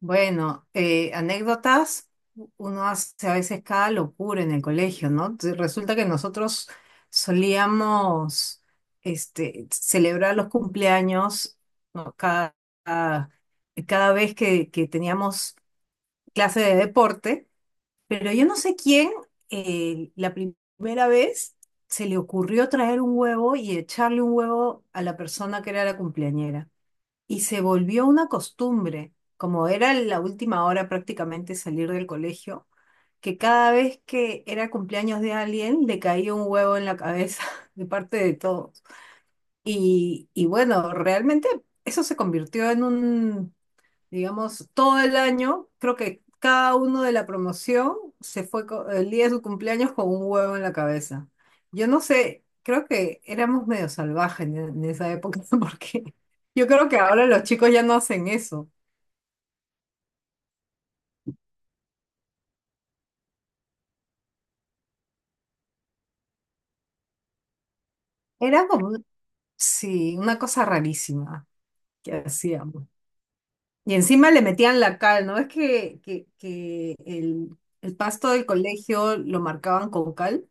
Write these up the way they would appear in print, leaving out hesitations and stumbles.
Bueno, anécdotas, uno hace a veces cada locura en el colegio, ¿no? Resulta que nosotros solíamos celebrar los cumpleaños, ¿no? Cada, cada vez que teníamos clase de deporte, pero yo no sé quién la primera vez se le ocurrió traer un huevo y echarle un huevo a la persona que era la cumpleañera. Y se volvió una costumbre, como era la última hora prácticamente salir del colegio, que cada vez que era cumpleaños de alguien le caía un huevo en la cabeza de parte de todos. Y bueno, realmente eso se convirtió en un, digamos, todo el año, creo que cada uno de la promoción se fue el día de su cumpleaños con un huevo en la cabeza. Yo no sé, creo que éramos medio salvajes en esa época, porque yo creo que ahora los chicos ya no hacen eso. Era como, sí, una cosa rarísima que hacíamos. Y encima le metían la cal, ¿no? Es que, el pasto del colegio lo marcaban con cal.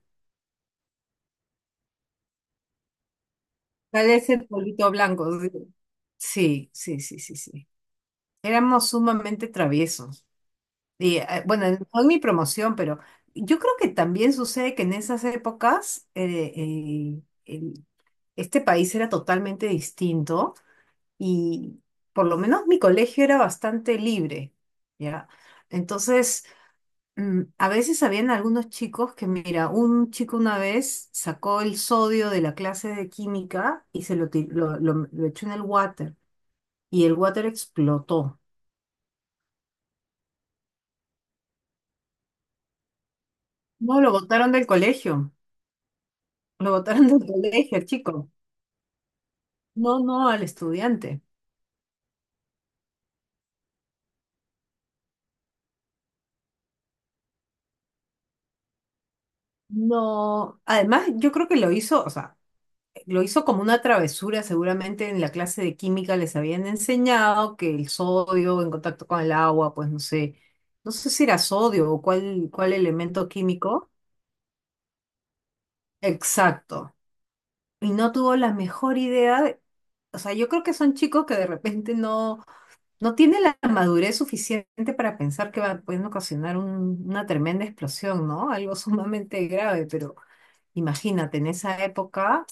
Cal es el polvito blanco. Sí, sí, sí, sí, sí, sí. Éramos sumamente traviesos. Y bueno, no en mi promoción, pero yo creo que también sucede que en esas épocas el- este país era totalmente distinto y por lo menos mi colegio era bastante libre, ¿ya? Entonces, a veces habían algunos chicos que, mira, un chico una vez sacó el sodio de la clase de química y se lo, ti- lo echó en el water y el water explotó. No, lo botaron del colegio. Lo votaron del colegio, el chico. No, no, al estudiante. No. Además, yo creo que lo hizo, o sea, lo hizo como una travesura. Seguramente en la clase de química les habían enseñado que el sodio en contacto con el agua, pues no sé si era sodio o cuál elemento químico. Exacto. Y no tuvo la mejor idea, o sea, yo creo que son chicos que de repente no. No tiene la madurez suficiente para pensar que va, pueden ocasionar una tremenda explosión, ¿no? Algo sumamente grave, pero imagínate, en esa época,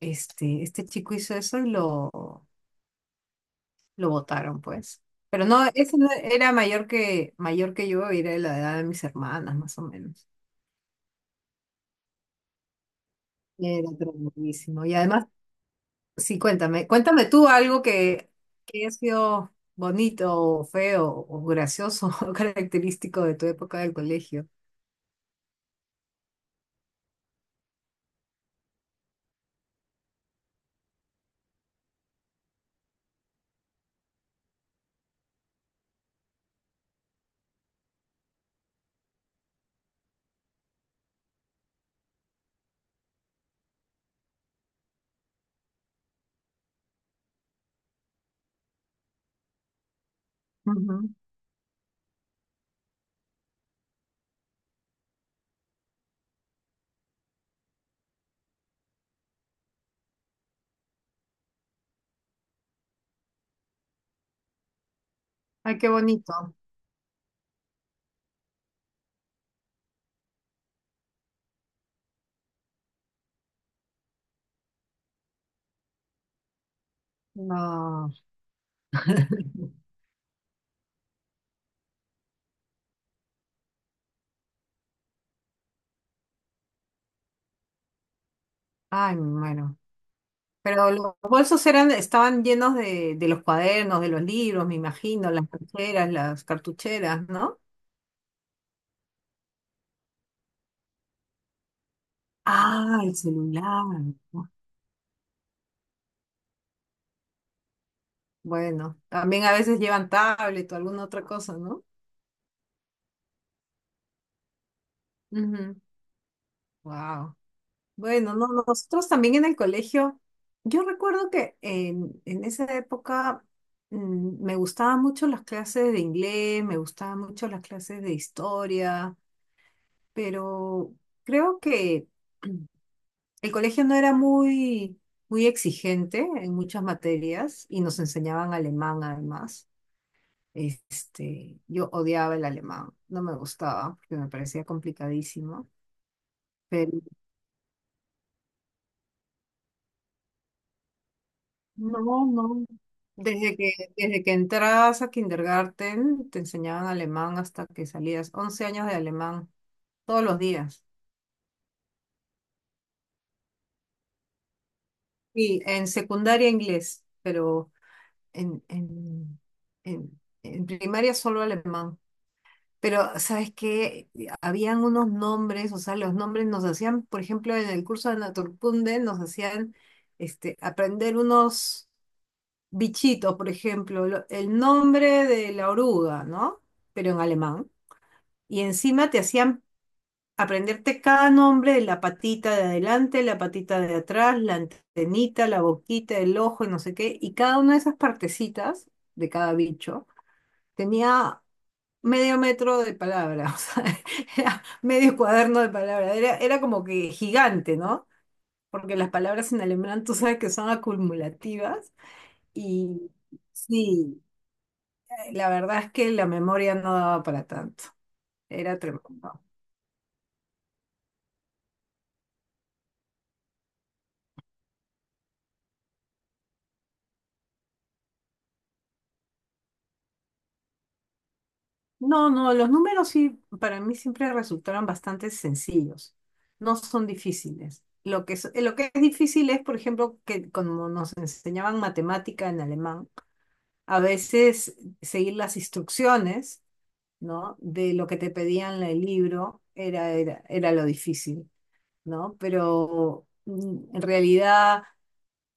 este chico hizo eso y lo botaron, pues. Pero no, ese no era mayor que yo, era de la edad de mis hermanas, más o menos. Era tremendísimo. Y además, sí, cuéntame tú algo que ha sido bonito, o feo, o gracioso, o característico de tu época del colegio. Ujú. Ay, qué bonito. No. Ay, me muero. Pero los bolsos eran, estaban llenos de los cuadernos, de los libros, me imagino, las carteras, las cartucheras, ¿no? Ah, el celular. Bueno, también a veces llevan tablet o alguna otra cosa, ¿no? Wow. Bueno, no, no, nosotros también en el colegio, yo recuerdo que en esa época me gustaban mucho las clases de inglés, me gustaban mucho las clases de historia, pero creo que el colegio no era muy, muy exigente en muchas materias y nos enseñaban alemán además. Yo odiaba el alemán, no me gustaba porque me parecía complicadísimo. No, no. Desde que entrabas a kindergarten, te enseñaban alemán hasta que salías. 11 años de alemán, todos los días. Y en secundaria inglés, pero en, en, en primaria solo alemán. Pero, ¿sabes qué? Habían unos nombres, o sea, los nombres nos hacían, por ejemplo, en el curso de Naturkunde, nos hacían aprender unos bichitos, por ejemplo, el nombre de la oruga, ¿no? Pero en alemán. Y encima te hacían aprenderte cada nombre de la patita de adelante, la patita de atrás, la antenita, la boquita, el ojo y no sé qué. Y cada una de esas partecitas de cada bicho tenía medio metro de palabra, o sea, era medio cuaderno de palabra. Era como que gigante, ¿no? Porque las palabras en alemán tú sabes que son acumulativas y sí. La verdad es que la memoria no daba para tanto. Era tremendo. No, no, los números sí, para mí siempre resultaron bastante sencillos. No son difíciles. Lo que es difícil es, por ejemplo, que como nos enseñaban matemática en alemán, a veces seguir las instrucciones, ¿no? De lo que te pedían en el libro era lo difícil, ¿no? Pero en realidad.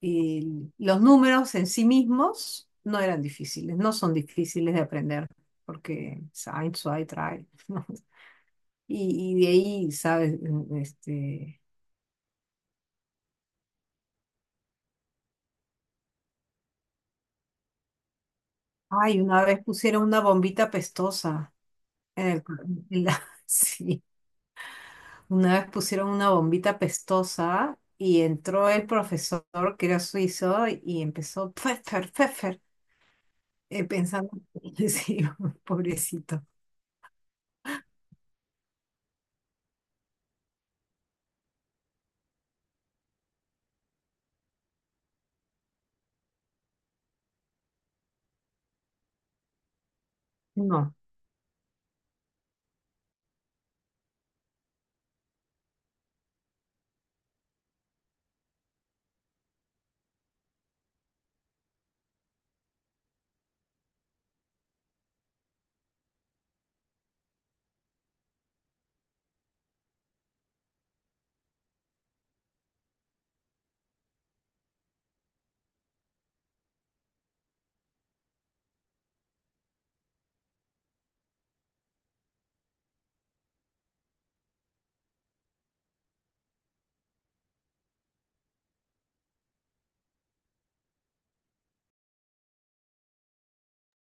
Y los números en sí mismos no eran difíciles, no son difíciles de aprender, porque Sine, Zwei, Drei, ¿no? Y de ahí, ¿sabes? Ay, una vez pusieron una bombita pestosa en el, en la- sí, una vez pusieron una bombita pestosa y entró el profesor que era suizo y empezó Pfeffer, Pfeffer, pensando, sí, pobrecito. No.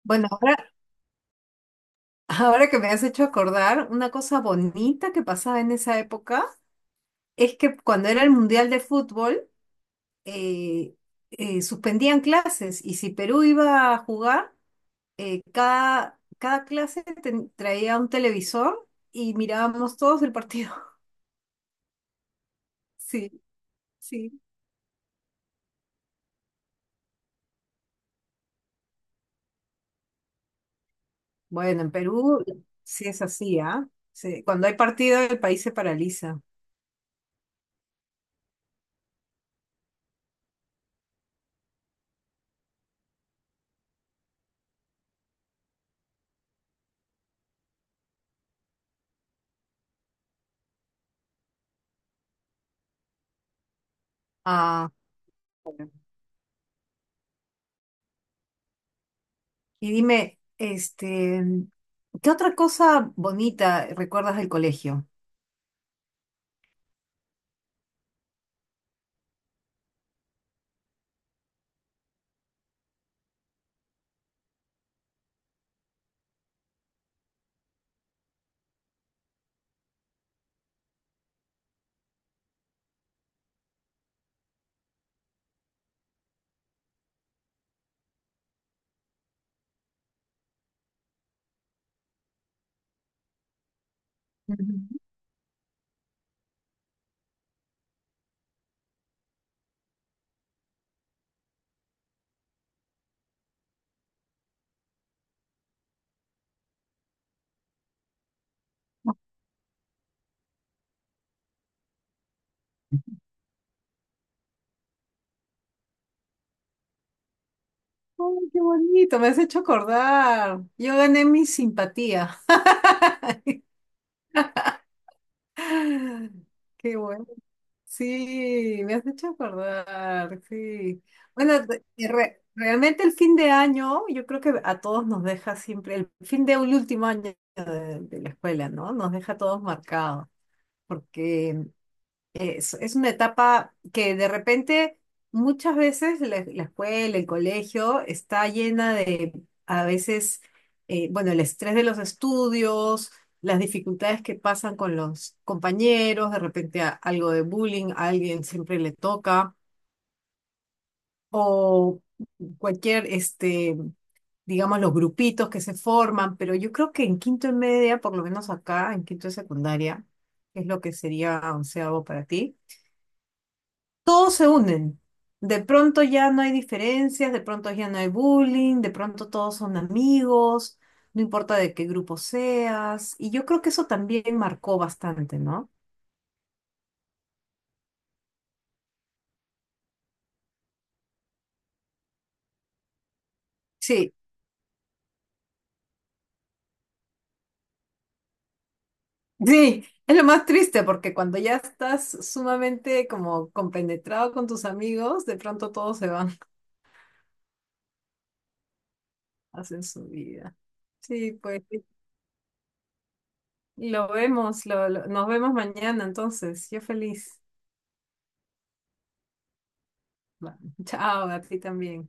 Bueno, ahora que me has hecho acordar, una cosa bonita que pasaba en esa época es que cuando era el Mundial de Fútbol, eh, suspendían clases y si Perú iba a jugar, cada clase traía un televisor y mirábamos todos el partido. Sí, sí. Bueno, en Perú sí es así, ¿ah? Sí, cuando hay partido, el país se paraliza. Ah, y dime, ¿qué otra cosa bonita recuerdas del colegio? Ujú. Ay, qué bonito, me has hecho acordar. Yo gané mi simpatía. Qué bueno. Sí, me has hecho acordar, sí. Bueno, realmente el fin de año, yo creo que a todos nos deja siempre, el fin de un último año de la escuela, ¿no? Nos deja a todos marcados, porque es una etapa que de repente muchas veces la escuela, el colegio está llena de a veces, bueno, el estrés de los estudios, las dificultades que pasan con los compañeros, de repente algo de bullying, a alguien siempre le toca, o cualquier, digamos, los grupitos que se forman, pero yo creo que en quinto y media, por lo menos acá, en quinto de secundaria, que es lo que sería onceavo para ti todos se unen. De pronto ya no hay diferencias, de pronto ya no hay bullying, de pronto todos son amigos, no importa de qué grupo seas. Y yo creo que eso también marcó bastante, ¿no? Sí, sí, es lo más triste porque cuando ya estás sumamente como compenetrado con tus amigos, de pronto todos se van, hacen su vida. Sí, pues lo vemos, nos vemos mañana entonces. Yo feliz. Va, Chao, a ti también.